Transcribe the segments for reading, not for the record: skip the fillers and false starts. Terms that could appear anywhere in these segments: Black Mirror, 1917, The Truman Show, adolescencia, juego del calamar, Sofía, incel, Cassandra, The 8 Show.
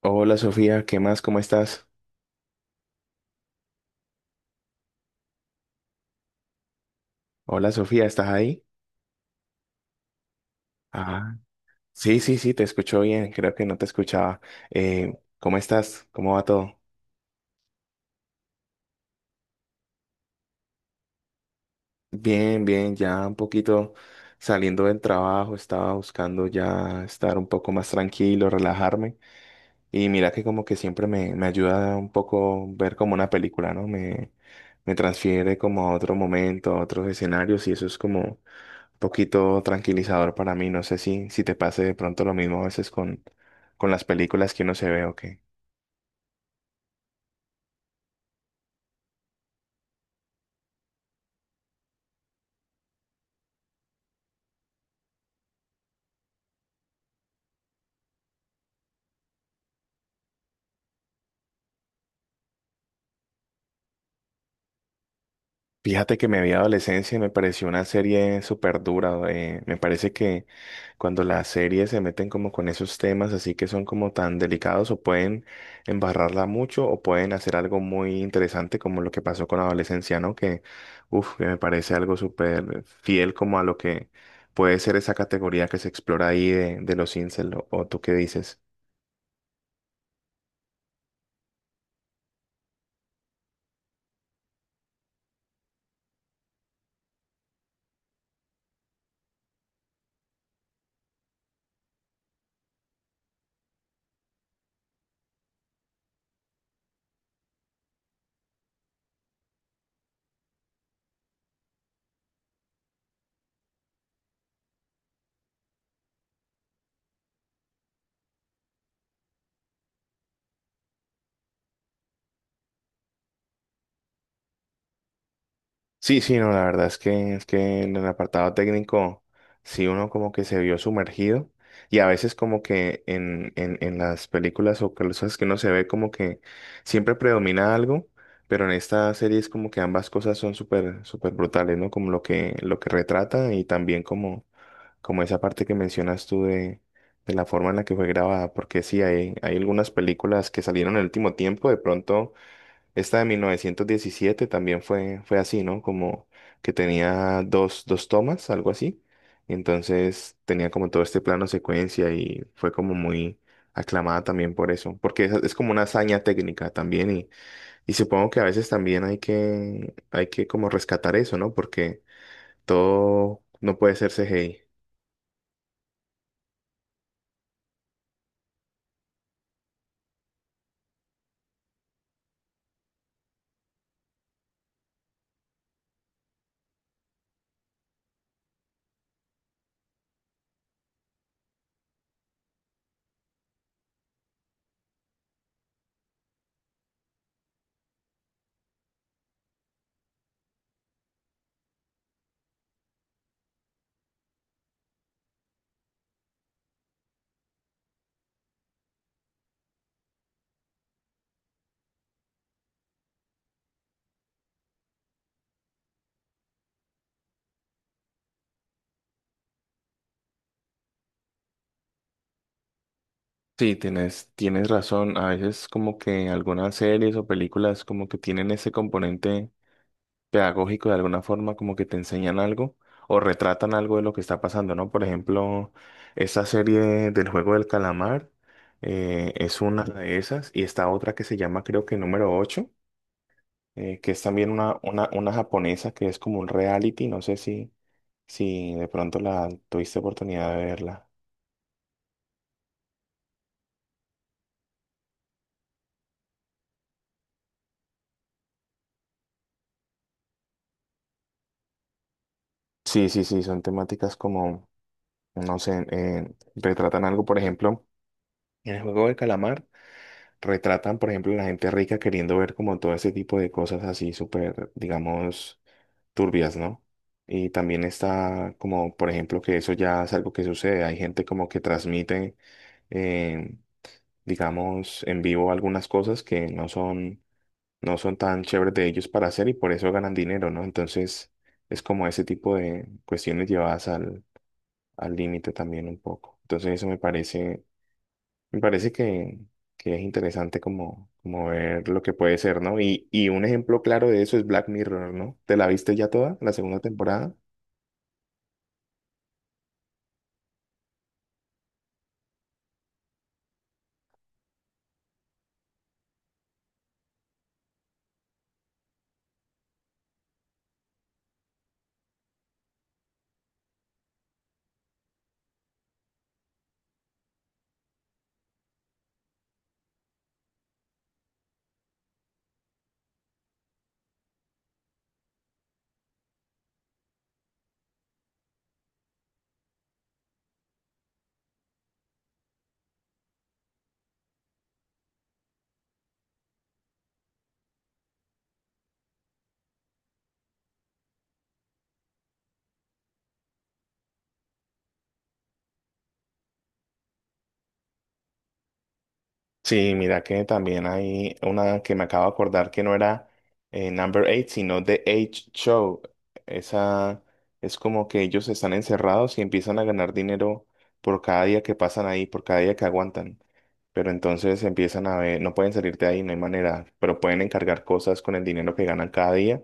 Hola Sofía, ¿qué más? ¿Cómo estás? Hola Sofía, ¿estás ahí? Ah, sí, sí, sí, te escucho bien, creo que no te escuchaba. Eh, ¿Cómo estás? ¿Cómo va todo? Bien, bien, ya un poquito saliendo del trabajo, estaba buscando ya estar un poco más tranquilo, relajarme. Y mira que como que siempre me ayuda un poco ver como una película, ¿no? Me transfiere como a otro momento, a otros escenarios y eso es como poquito tranquilizador para mí. No sé si te pase de pronto lo mismo a veces con las películas que uno se ve o qué. Fíjate que me vi adolescencia y me pareció una serie súper dura. Me parece que cuando las series se meten como con esos temas así que son como tan delicados o pueden embarrarla mucho o pueden hacer algo muy interesante como lo que pasó con adolescencia, ¿no? Que me parece algo súper fiel como a lo que puede ser esa categoría que se explora ahí de los incel. ¿O tú qué dices? Sí, sí, no, la verdad es que en el apartado técnico sí uno como que se vio sumergido y a veces como que en las películas o cosas que uno se ve como que siempre predomina algo, pero en esta serie es como que ambas cosas son súper súper brutales, ¿no? Como lo que retrata y también como esa parte que mencionas tú de la forma en la que fue grabada, porque sí hay algunas películas que salieron en el último tiempo, de pronto esta de 1917 también fue así, ¿no? Como que tenía dos tomas, algo así. Entonces tenía como todo este plano secuencia y fue como muy aclamada también por eso, porque es como una hazaña técnica también y supongo que a veces también hay que como rescatar eso, ¿no? Porque todo no puede ser CGI. Sí, tienes razón. A veces como que algunas series o películas como que tienen ese componente pedagógico de alguna forma, como que te enseñan algo o retratan algo de lo que está pasando, ¿no? Por ejemplo, esa serie del juego del calamar es una de esas y está otra que se llama creo que número 8 que es también una japonesa que es como un reality, no sé si de pronto la tuviste oportunidad de verla. Sí, sí, sí, son temáticas como, no sé, retratan algo, por ejemplo, en el juego del calamar. Retratan, por ejemplo, la gente rica queriendo ver como todo ese tipo de cosas así súper, digamos, turbias, ¿no? Y también está como, por ejemplo, que eso ya es algo que sucede. Hay gente como que transmite, eh, digamos, en vivo algunas cosas que no son tan chéveres de ellos para hacer y por eso ganan dinero, ¿no? Entonces es como ese tipo de cuestiones llevadas al límite también un poco. Entonces eso me parece que es interesante como ver lo que puede ser, ¿no? Y un ejemplo claro de eso es Black Mirror, ¿no? ¿Te la viste ya toda, la segunda temporada? Sí, mira que también hay una que me acabo de acordar que no era Number 8, sino The 8 Show. Esa es como que ellos están encerrados y empiezan a ganar dinero por cada día que pasan ahí, por cada día que aguantan. Pero entonces empiezan a ver, no pueden salir de ahí, no hay manera, pero pueden encargar cosas con el dinero que ganan cada día.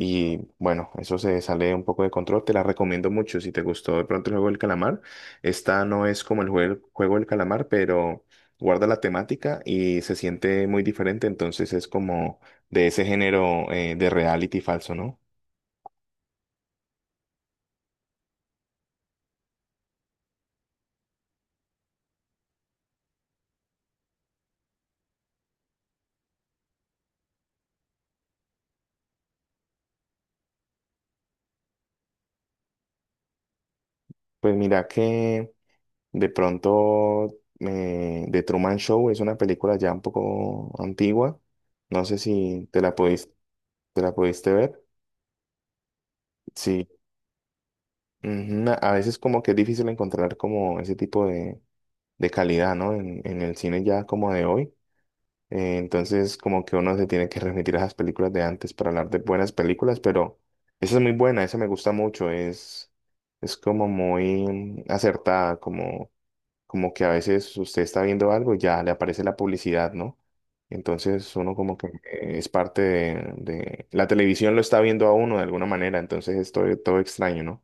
Y bueno, eso se sale un poco de control. Te la recomiendo mucho. Si te gustó de pronto el juego del calamar, esta no es como el juego, juego del calamar, pero guarda la temática y se siente muy diferente. Entonces es como de ese género de reality falso, ¿no? Pues mira que de pronto The Truman Show es una película ya un poco antigua. No sé si te la pudiste ver. Sí. Ujú. A veces como que es difícil encontrar como ese tipo de calidad, ¿no? En el cine ya como de hoy. Entonces como que uno se tiene que remitir a las películas de antes para hablar de buenas películas, pero esa es muy buena, esa me gusta mucho, es como muy acertada, como que a veces usted está viendo algo y ya le aparece la publicidad, ¿no? Entonces uno como que es parte de. La televisión lo está viendo a uno de alguna manera, entonces es todo, todo extraño, ¿no?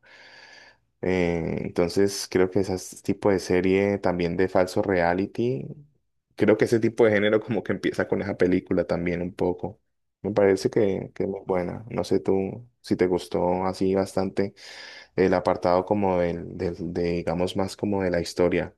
Entonces creo que ese tipo de serie también de falso reality, creo que ese tipo de género como que empieza con esa película también un poco. Me parece que es muy buena. No sé tú si te gustó así bastante el apartado como de, digamos, más como de la historia.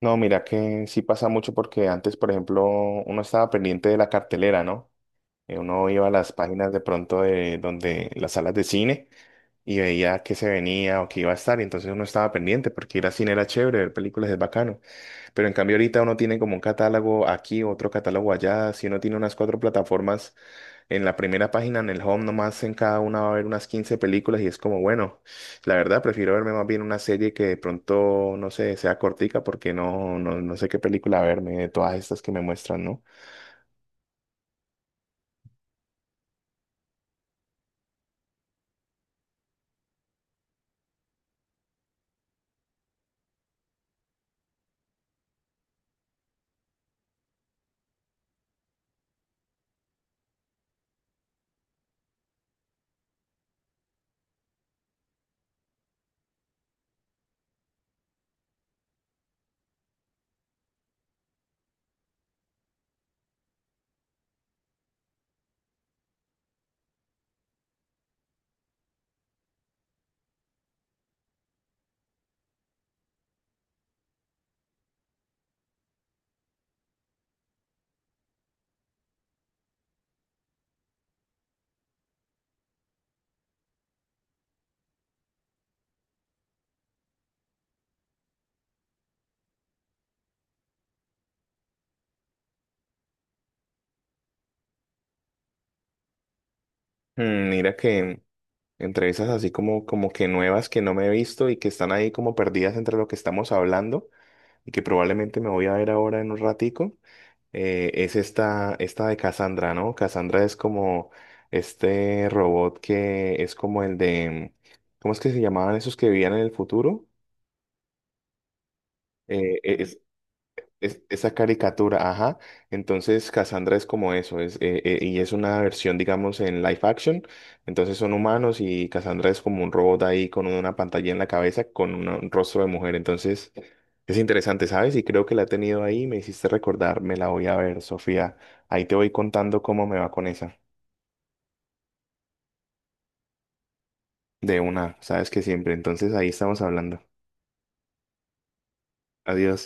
No, mira que sí pasa mucho porque antes, por ejemplo, uno estaba pendiente de la cartelera, ¿no? Uno iba a las páginas de pronto de donde las salas de cine. Y veía que se venía o que iba a estar, y entonces uno estaba pendiente porque ir al cine era chévere, ver películas es bacano, pero en cambio ahorita uno tiene como un catálogo aquí, otro catálogo allá, si uno tiene unas cuatro plataformas en la primera página, en el home nomás en cada una va a haber unas 15 películas y es como, bueno, la verdad prefiero verme más bien una serie que de pronto, no sé, sea cortica porque no sé qué película verme de todas estas que me muestran, ¿no? Mira que entre esas así como que nuevas que no me he visto y que están ahí como perdidas entre lo que estamos hablando. Y que probablemente me voy a ver ahora en un ratico, es esta de Cassandra, ¿no? Cassandra es como este robot que es como el de, ¿cómo es que se llamaban esos que vivían en el futuro? Eh, esa caricatura, ajá. Entonces, Cassandra es como eso, y es una versión, digamos, en live action. Entonces son humanos y Cassandra es como un robot ahí con una pantalla en la cabeza, con un rostro de mujer. Entonces, es interesante, ¿sabes? Y creo que la he tenido ahí, me hiciste recordar, me la voy a ver, Sofía. Ahí te voy contando cómo me va con esa. De una, sabes que siempre. Entonces, ahí estamos hablando. Adiós.